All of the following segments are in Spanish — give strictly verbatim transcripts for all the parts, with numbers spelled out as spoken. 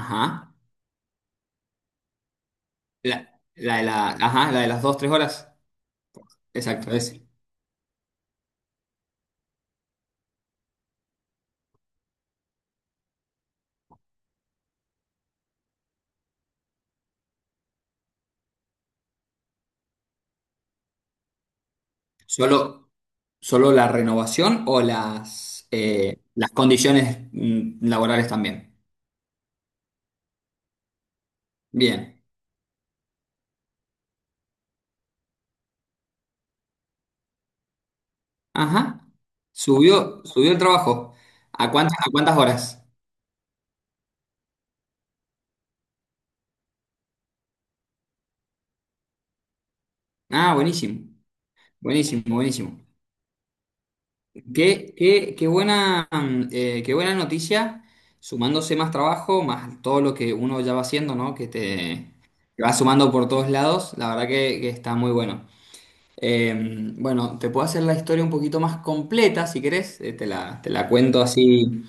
Ajá. La, la de la, ajá, la de las dos, tres horas. Exacto, es solo, solo la renovación o las, eh, las condiciones mm, laborales también. Bien. Ajá. Subió, subió el trabajo. ¿A cuántas, a cuántas horas? Ah, buenísimo. Buenísimo, buenísimo. Qué, qué, qué buena, mm, eh, qué buena noticia, sumándose más trabajo, más todo lo que uno ya va haciendo, ¿no? Que te que va sumando por todos lados. La verdad que, que está muy bueno. Eh, bueno, te puedo hacer la historia un poquito más completa si querés, eh, te la, te la cuento así.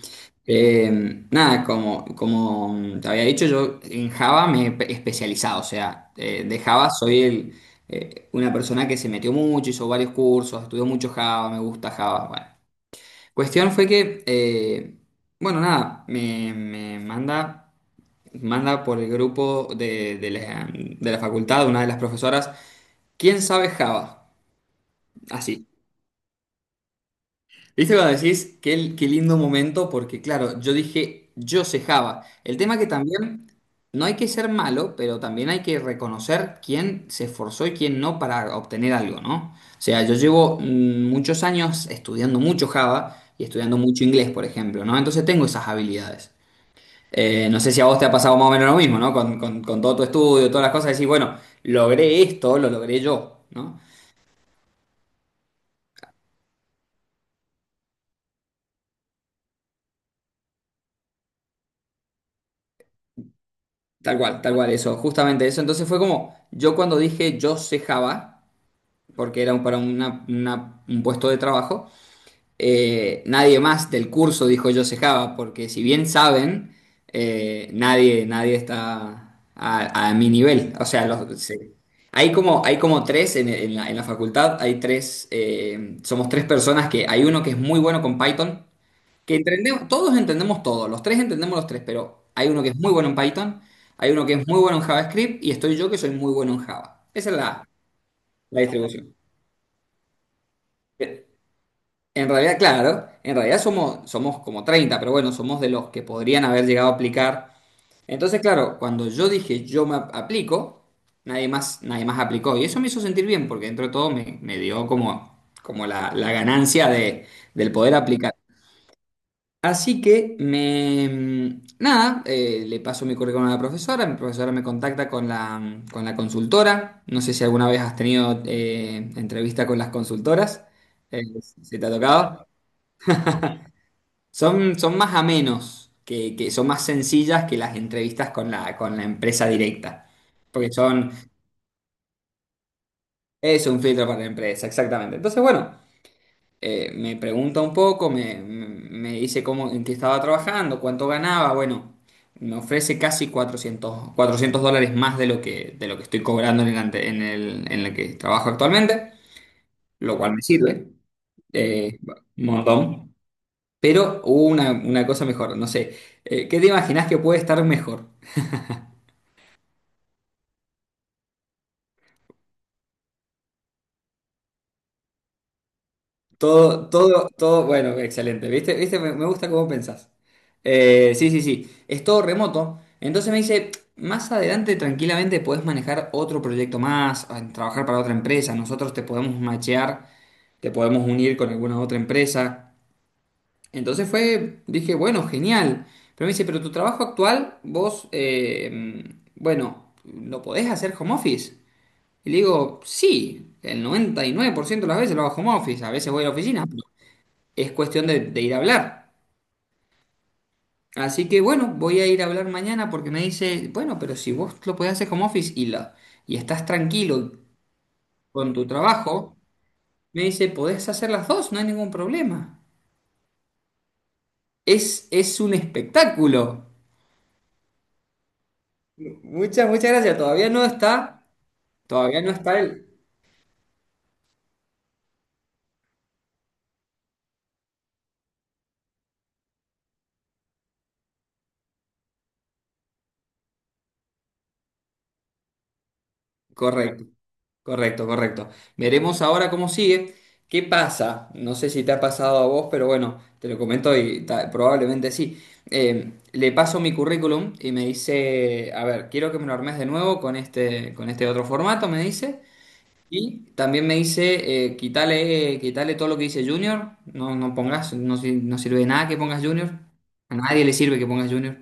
Eh, nada, como, como te había dicho, yo en Java me he pe- especializado, o sea, eh, de Java soy el, eh, una persona que se metió mucho, hizo varios cursos, estudió mucho Java, me gusta Java. Bueno, cuestión fue que, eh, bueno, nada, me, me manda, manda por el grupo de, de la, de la facultad, una de las profesoras, ¿quién sabe Java? Así. ¿Viste cuando decís qué, qué lindo momento? Porque claro, yo dije, yo sé Java. El tema que también no hay que ser malo, pero también hay que reconocer quién se esforzó y quién no para obtener algo, ¿no? O sea, yo llevo mm, muchos años estudiando mucho Java y estudiando mucho inglés, por ejemplo, ¿no? Entonces tengo esas habilidades. Eh, no sé si a vos te ha pasado más o menos lo mismo, ¿no? Con, con- con todo tu estudio, todas las cosas, decís, bueno, logré esto, lo logré yo, ¿no? Tal cual, tal cual, eso, justamente eso. Entonces fue como, yo cuando dije yo sé Java, porque era un- para una- una- un puesto de trabajo, eh, nadie más del curso dijo yo sé Java, porque si bien saben, eh, nadie, nadie está a, a mi nivel. O sea, los- se- hay como, hay como tres en, en la, en la facultad, hay tres, eh, somos tres personas que hay uno que es muy bueno con Python, que entendemos, todos entendemos todo, los tres entendemos los tres, pero hay uno que es muy bueno en Python, hay uno que es muy bueno en JavaScript y estoy yo que soy muy bueno en Java. Esa es la, la distribución. Eh, En realidad, claro, en realidad somos, somos como treinta, pero bueno, somos de los que podrían haber llegado a aplicar. Entonces, claro, cuando yo dije yo me ap- aplico, nadie más, nadie más aplicó. Y eso me hizo sentir bien, porque dentro de todo me, me dio como, como la, la ganancia de, del poder aplicar. Así que me. Nada, eh, le paso mi currículum a la profesora, mi profesora me contacta con la, con la consultora. No sé si alguna vez has tenido eh, entrevista con las consultoras, eh, si te ha tocado. Son, son más amenos, que, que son más sencillas que las entrevistas con la, con la empresa directa, porque son. Es un filtro para la empresa, exactamente. Entonces, bueno. Eh, me pregunta un poco, me, me- me dice cómo, en qué estaba trabajando, cuánto ganaba. Bueno, me ofrece casi cuatrocientos cuatrocientos dólares más de lo que, de lo que estoy cobrando en el, ante- en el, en el que trabajo actualmente, lo cual me sirve eh, un montón. Pero hubo una, una cosa mejor, no sé. Eh, ¿qué te imaginas que puede estar mejor? Todo, todo, todo, bueno, excelente. ¿Viste? ¿Viste? Me, me gusta cómo pensás. Eh, sí, sí, sí. Es todo remoto. Entonces me dice, más adelante tranquilamente podés manejar otro proyecto más, a- trabajar para otra empresa. Nosotros te podemos machear, te podemos unir con alguna otra empresa. Entonces fue, dije, bueno, genial. Pero me dice, pero tu trabajo actual, vos, eh, bueno, ¿lo podés hacer home office? Y le digo, sí, el noventa y nueve por ciento de las veces lo hago home office. A veces voy a la oficina, es cuestión de, de ir a hablar. Así que bueno, voy a ir a hablar mañana porque me dice, bueno, pero si vos lo podés hacer home office y, la, y estás tranquilo con tu trabajo, me dice, podés hacer las dos, no hay ningún problema. Es, es un espectáculo. Muchas, muchas gracias. Todavía no está, todavía no está el. Correcto. Correcto, correcto. Veremos ahora cómo sigue. ¿Qué pasa? No sé si te ha pasado a vos, pero bueno, te lo comento y ta- probablemente sí. Eh, le paso mi currículum y me dice, a ver, quiero que me lo armes de nuevo con este, con este otro formato, me dice. Y también me dice, eh, quítale, quítale todo lo que dice Junior. No, no pongas, no, sir- no sirve de nada que pongas Junior. A nadie le sirve que pongas Junior.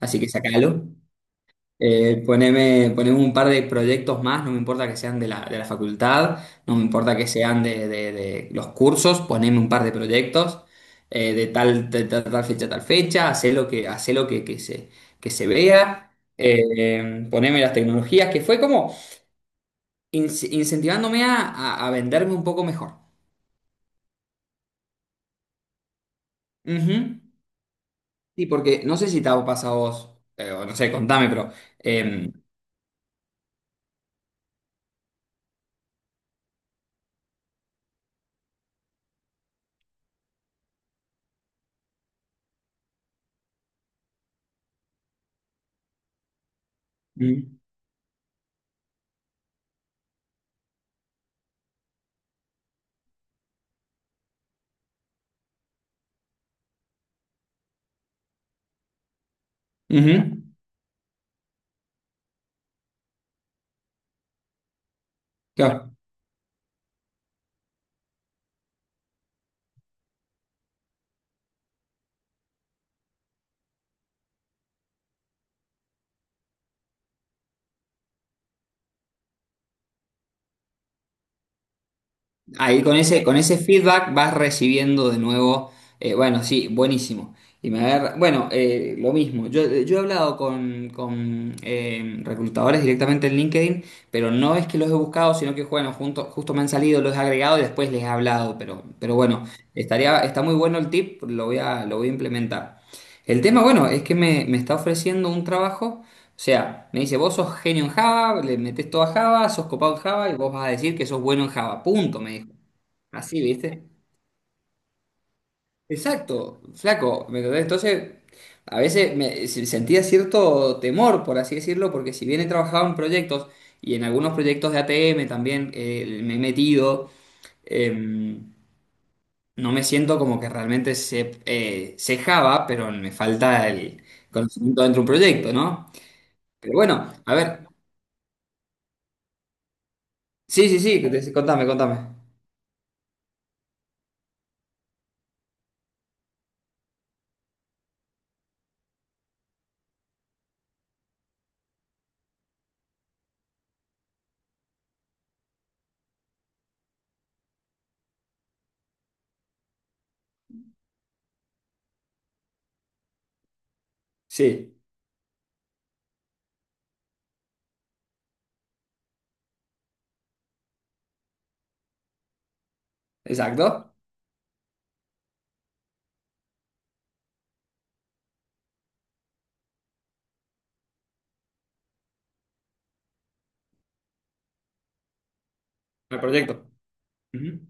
Así que sacalo. Eh, poneme, poneme un par de proyectos más, no me importa que sean de la, de la facultad, no me importa que sean de, de- de los cursos, poneme un par de proyectos eh, de tal, de tal, tal fecha, tal fecha, hacé lo que, hacé lo que, que se, que se vea, eh, eh, poneme las tecnologías, que fue como ince- incentivándome a, a- a venderme un poco mejor. Ujú. Sí, porque no sé si te ha pasado a vos, eh, o no sé, contame, pero. em, mm, ujú, claro. Ahí con ese, con ese feedback vas recibiendo de nuevo, eh, bueno, sí, buenísimo. Y me agarra- bueno, eh, lo mismo, yo, yo he hablado con, con, eh, reclutadores directamente en LinkedIn, pero no es que los he buscado, sino que, bueno, junto, justo me han salido, los he agregado y después les he hablado, pero, pero bueno, estaría, está muy bueno el tip, lo voy a, lo voy a implementar. El tema, bueno, es que me, me está ofreciendo un trabajo. O sea, me dice, vos sos genio en Java, le metés todo a Java, sos copado en Java y vos vas a decir que sos bueno en Java. Punto, me dijo. Así, ¿viste? Exacto, flaco, ¿me entendés? Entonces, a veces me se- sentía cierto temor, por así decirlo, porque si bien he trabajado en proyectos y en algunos proyectos de A T M también eh, me he metido, em, no me siento como que realmente sé, eh, sé Java, pero me falta el conocimiento dentro de un proyecto, ¿no? Pero bueno, a ver, sí, sí, sí, contame, contame. Sí, exacto. El proyecto. Ujú.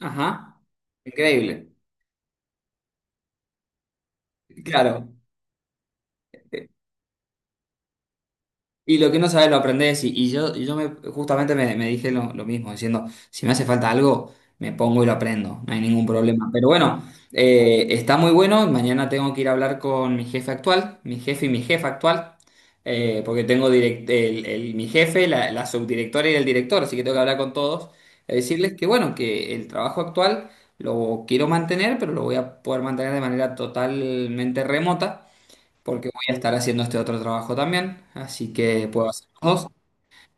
Ajá. Increíble. Claro. Y lo que no sabes lo aprendes. Y, y yo, y yo me, justamente me, me dije lo, lo mismo, diciendo, si me hace falta algo, me pongo y lo aprendo, no hay ningún problema. Pero bueno, eh, está muy bueno. Mañana tengo que ir a hablar con mi jefe actual, mi jefe y mi jefa actual, eh, porque tengo direct- el, el- mi jefe, la, la subdirectora y el director, así que tengo que hablar con todos, eh, decirles que bueno, que el trabajo actual lo quiero mantener, pero lo voy a poder mantener de manera totalmente remota porque voy a estar haciendo este otro trabajo también, así que puedo hacer los dos.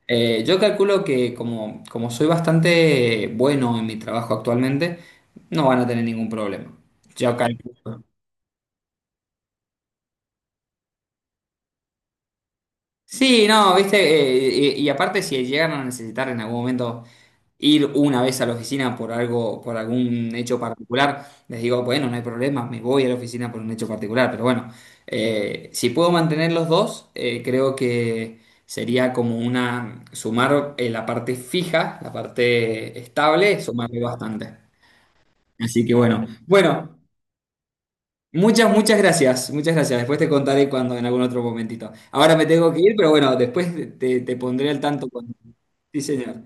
Eh, yo calculo que como, como soy bastante bueno en mi trabajo actualmente, no van a tener ningún problema. Yo calculo. Sí, no, viste, eh, y, y aparte si llegaron a necesitar en algún momento ir una vez a la oficina por algo, por algún hecho particular, les digo, bueno, no hay problema, me voy a la oficina por un hecho particular, pero bueno, eh, si puedo mantener los dos, eh, creo que sería como una, sumar, eh, la parte fija, la parte estable, sumarle bastante. Así que bueno, bueno. Muchas, muchas gracias, muchas gracias. Después te contaré cuando, en algún otro momentito. Ahora me tengo que ir, pero bueno, después te, te pondré al tanto con. Sí, señor.